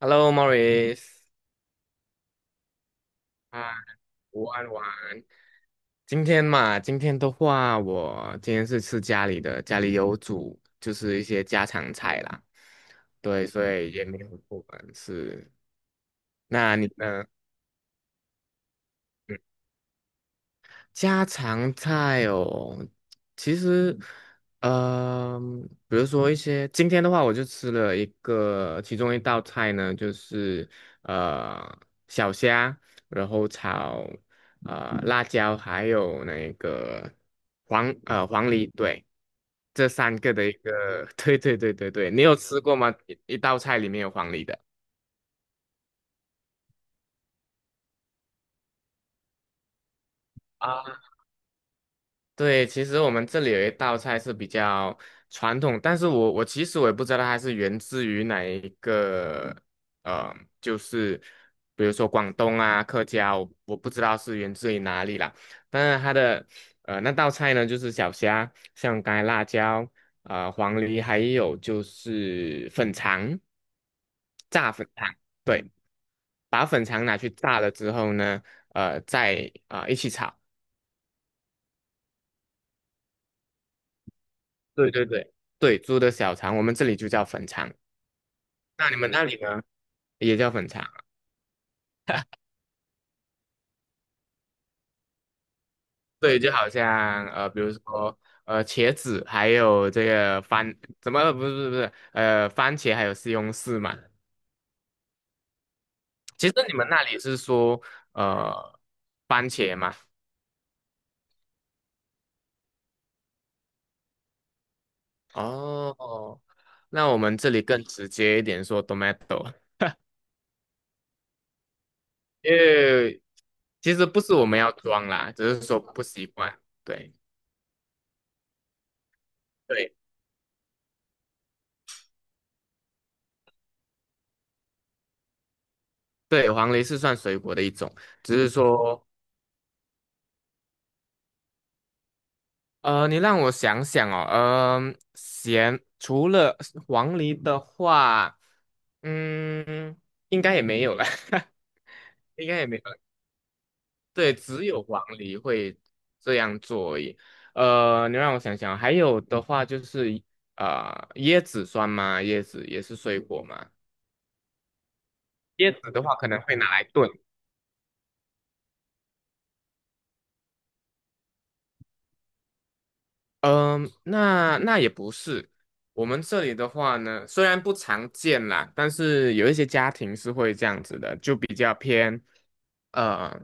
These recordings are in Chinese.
Hello, Morris，啊，午安，午安。今天嘛，今天的话，我今天是吃家里的，家里有煮，就是一些家常菜啦。对，所以也没有不完是。那你呢？嗯，家常菜哦，其实，呃，比如说一些，今天的话，我就吃了一个，其中一道菜呢，就是呃小虾，然后炒辣椒，还有那个黄梨，对，这三个的一个，对对对对对，你有吃过吗？一道菜里面有黄梨的。啊。对，其实我们这里有一道菜是比较传统，但是我其实我也不知道它是源自于哪一个，呃，就是比如说广东啊、客家，我不知道是源自于哪里啦。但是它的那道菜呢，就是小虾、像干辣椒、黄梨，还有就是粉肠、炸粉肠，对，把粉肠拿去炸了之后呢，再一起炒。对对对对，猪的小肠，我们这里就叫粉肠。那你们那里呢？也叫粉肠。对，就好像比如说茄子，还有这个番，怎么不是不是不是呃，番茄还有西红柿嘛。其实你们那里是说呃，番茄嘛？哦，那我们这里更直接一点，说 tomato，因为其实不是我们要装啦，只是说不习惯。对对对，黄梨是算水果的一种。只是说你让我想想哦，嗯、咸除了黄梨的话，嗯，应该也没有了，应该也没有了。对，只有黄梨会这样做而已。呃，你让我想想哦，还有的话就是椰子酸吗？椰子也是水果吗？椰子的话可能会拿来炖。嗯，那那也不是。我们这里的话呢，虽然不常见啦，但是有一些家庭是会这样子的，就比较偏呃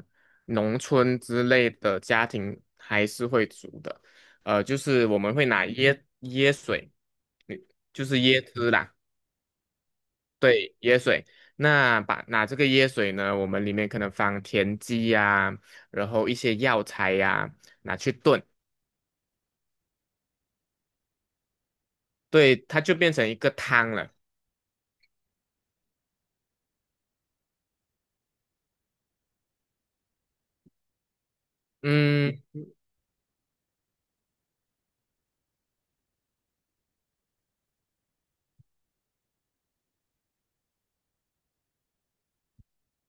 农村之类的家庭还是会煮的。呃，就是我们会拿椰水，嗯，就是椰汁啦，对，椰水。那把拿这个椰水呢，我们里面可能放田鸡呀、然后一些药材呀、拿去炖，对，它就变成一个汤了。嗯，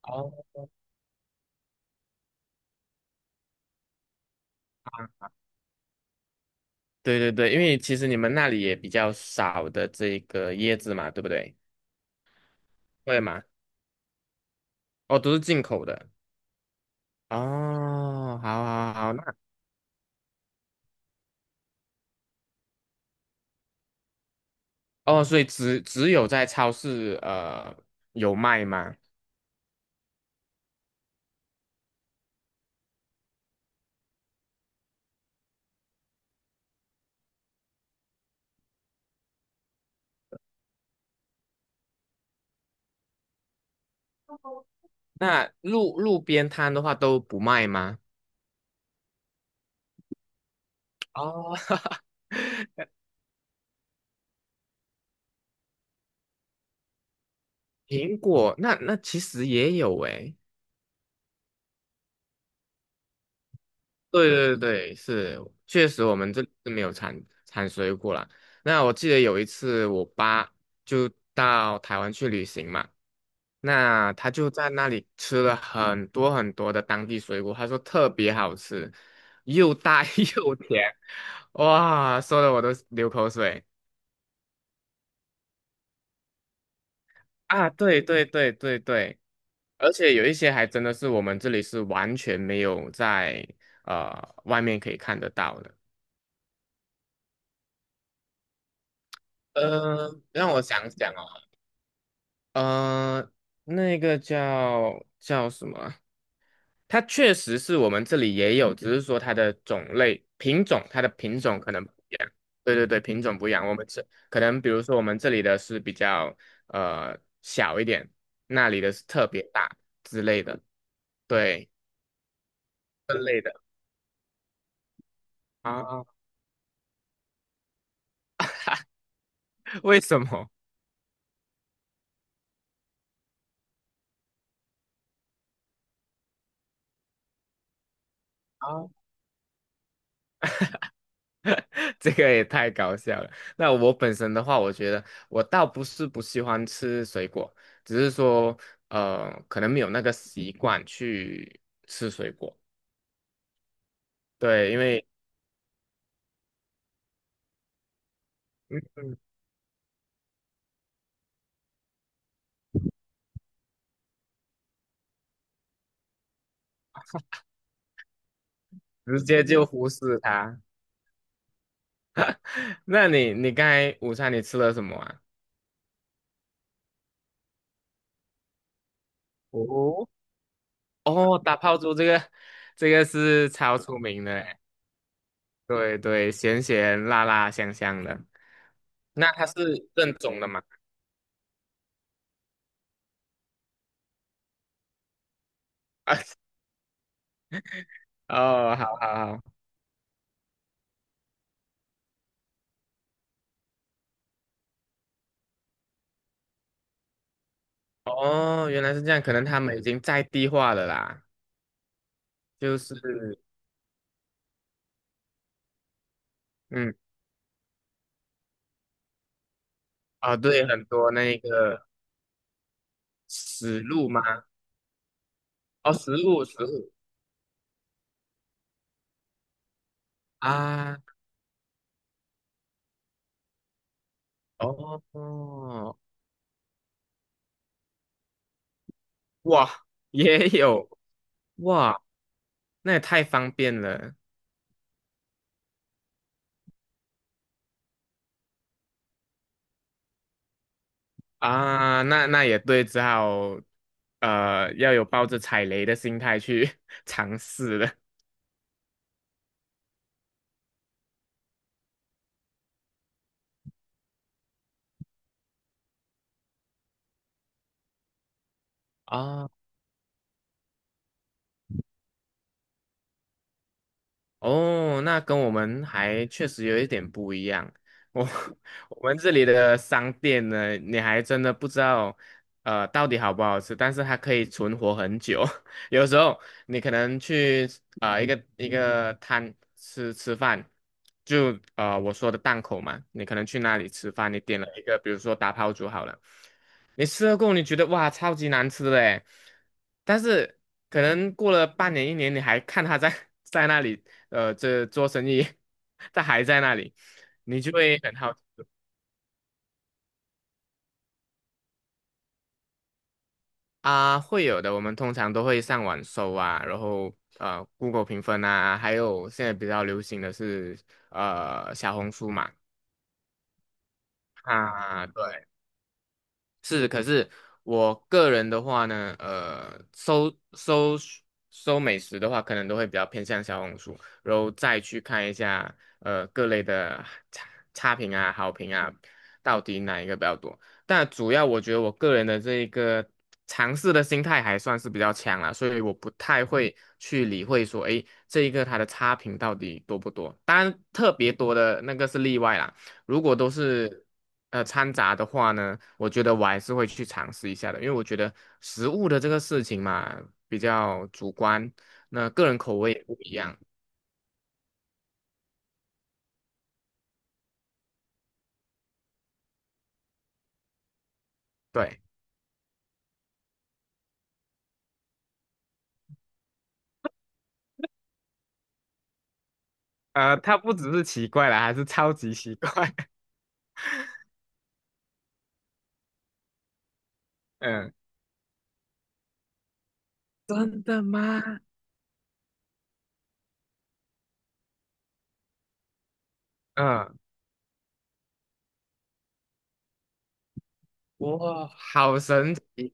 哦，对对对，因为其实你们那里也比较少的这个椰子嘛，对不对？会吗？哦，都是进口的。哦，好好好，那哦，所以只有在超市有卖吗？那路边摊的话都不卖吗？哦，苹果，那那其实也有诶、对对对，是，确实我们这里是没有产水果啦。那我记得有一次我爸就到台湾去旅行嘛，那他就在那里吃了很多很多的当地水果，他说特别好吃，又大 又甜，哇，说的我都流口水。啊！对对对对对，而且有一些还真的是我们这里是完全没有在外面可以看得到的。呃，让我想想哦。呃，那个叫叫什么啊，它确实是我们这里也有，只是说它的种类品种，它的品种可能不一样。对对对，品种不一样。我们这可能比如说我们这里的是比较呃小一点，那里的是特别大之类的。对，分类的。啊？为什么？啊？这个也太搞笑了。那我本身的话，我觉得我倒不是不喜欢吃水果，只是说可能没有那个习惯去吃水果。对，因为嗯直接就忽视它。那你你刚才午餐你吃了什么啊？哦，哦，打泡猪这个这个是超出名的诶，对对，咸咸辣辣香香的。那它是正宗的嘛？哦，好好好。哦，原来是这样，可能他们已经在地化了啦，就是，嗯，哦，对，很多那个死路吗？哦，死路，死路。啊，哦，哇，也有，哇，那也太方便了。啊，那那也对，只好，要有抱着踩雷的心态去 尝试了。啊，哦哦，那跟我们还确实有一点不一样。我 我们这里的商店呢，你还真的不知道，到底好不好吃，但是它可以存活很久。有时候你可能去一个一个摊吃吃饭，就啊我说的档口嘛，你可能去那里吃饭，你点了一个，比如说打抛猪好了，你吃了过后你觉得哇超级难吃的诶，但是可能过了半年一年，你还看它在 在那里。呃，这做生意，他还在那里，你就会很好。啊，会有的。我们通常都会上网搜啊，然后Google 评分啊，还有现在比较流行的是小红书嘛，啊，对。是，可是我个人的话呢，搜美食的话，可能都会比较偏向小红书，然后再去看一下各类的差差评啊、好评啊，到底哪一个比较多。但主要我觉得我个人的这一个尝试的心态还算是比较强啦，所以我不太会去理会说，诶，这一个它的差评到底多不多。当然，特别多的那个是例外啦。如果都是掺杂的话呢，我觉得我还是会去尝试一下的，因为我觉得食物的这个事情嘛比较主观，那个人口味也不一样。对，它不只是奇怪啦，还是超级奇怪。嗯，真的吗？嗯，哇，好神奇，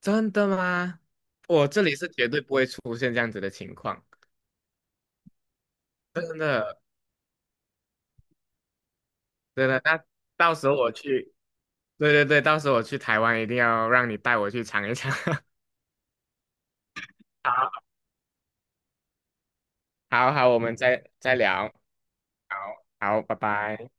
真的吗？我这里是绝对不会出现这样子的情况，真的，真的。那到时候我去，对对对，到时候我去台湾一定要让你带我去尝一尝。好。好好，我们再再聊。好，好，拜拜。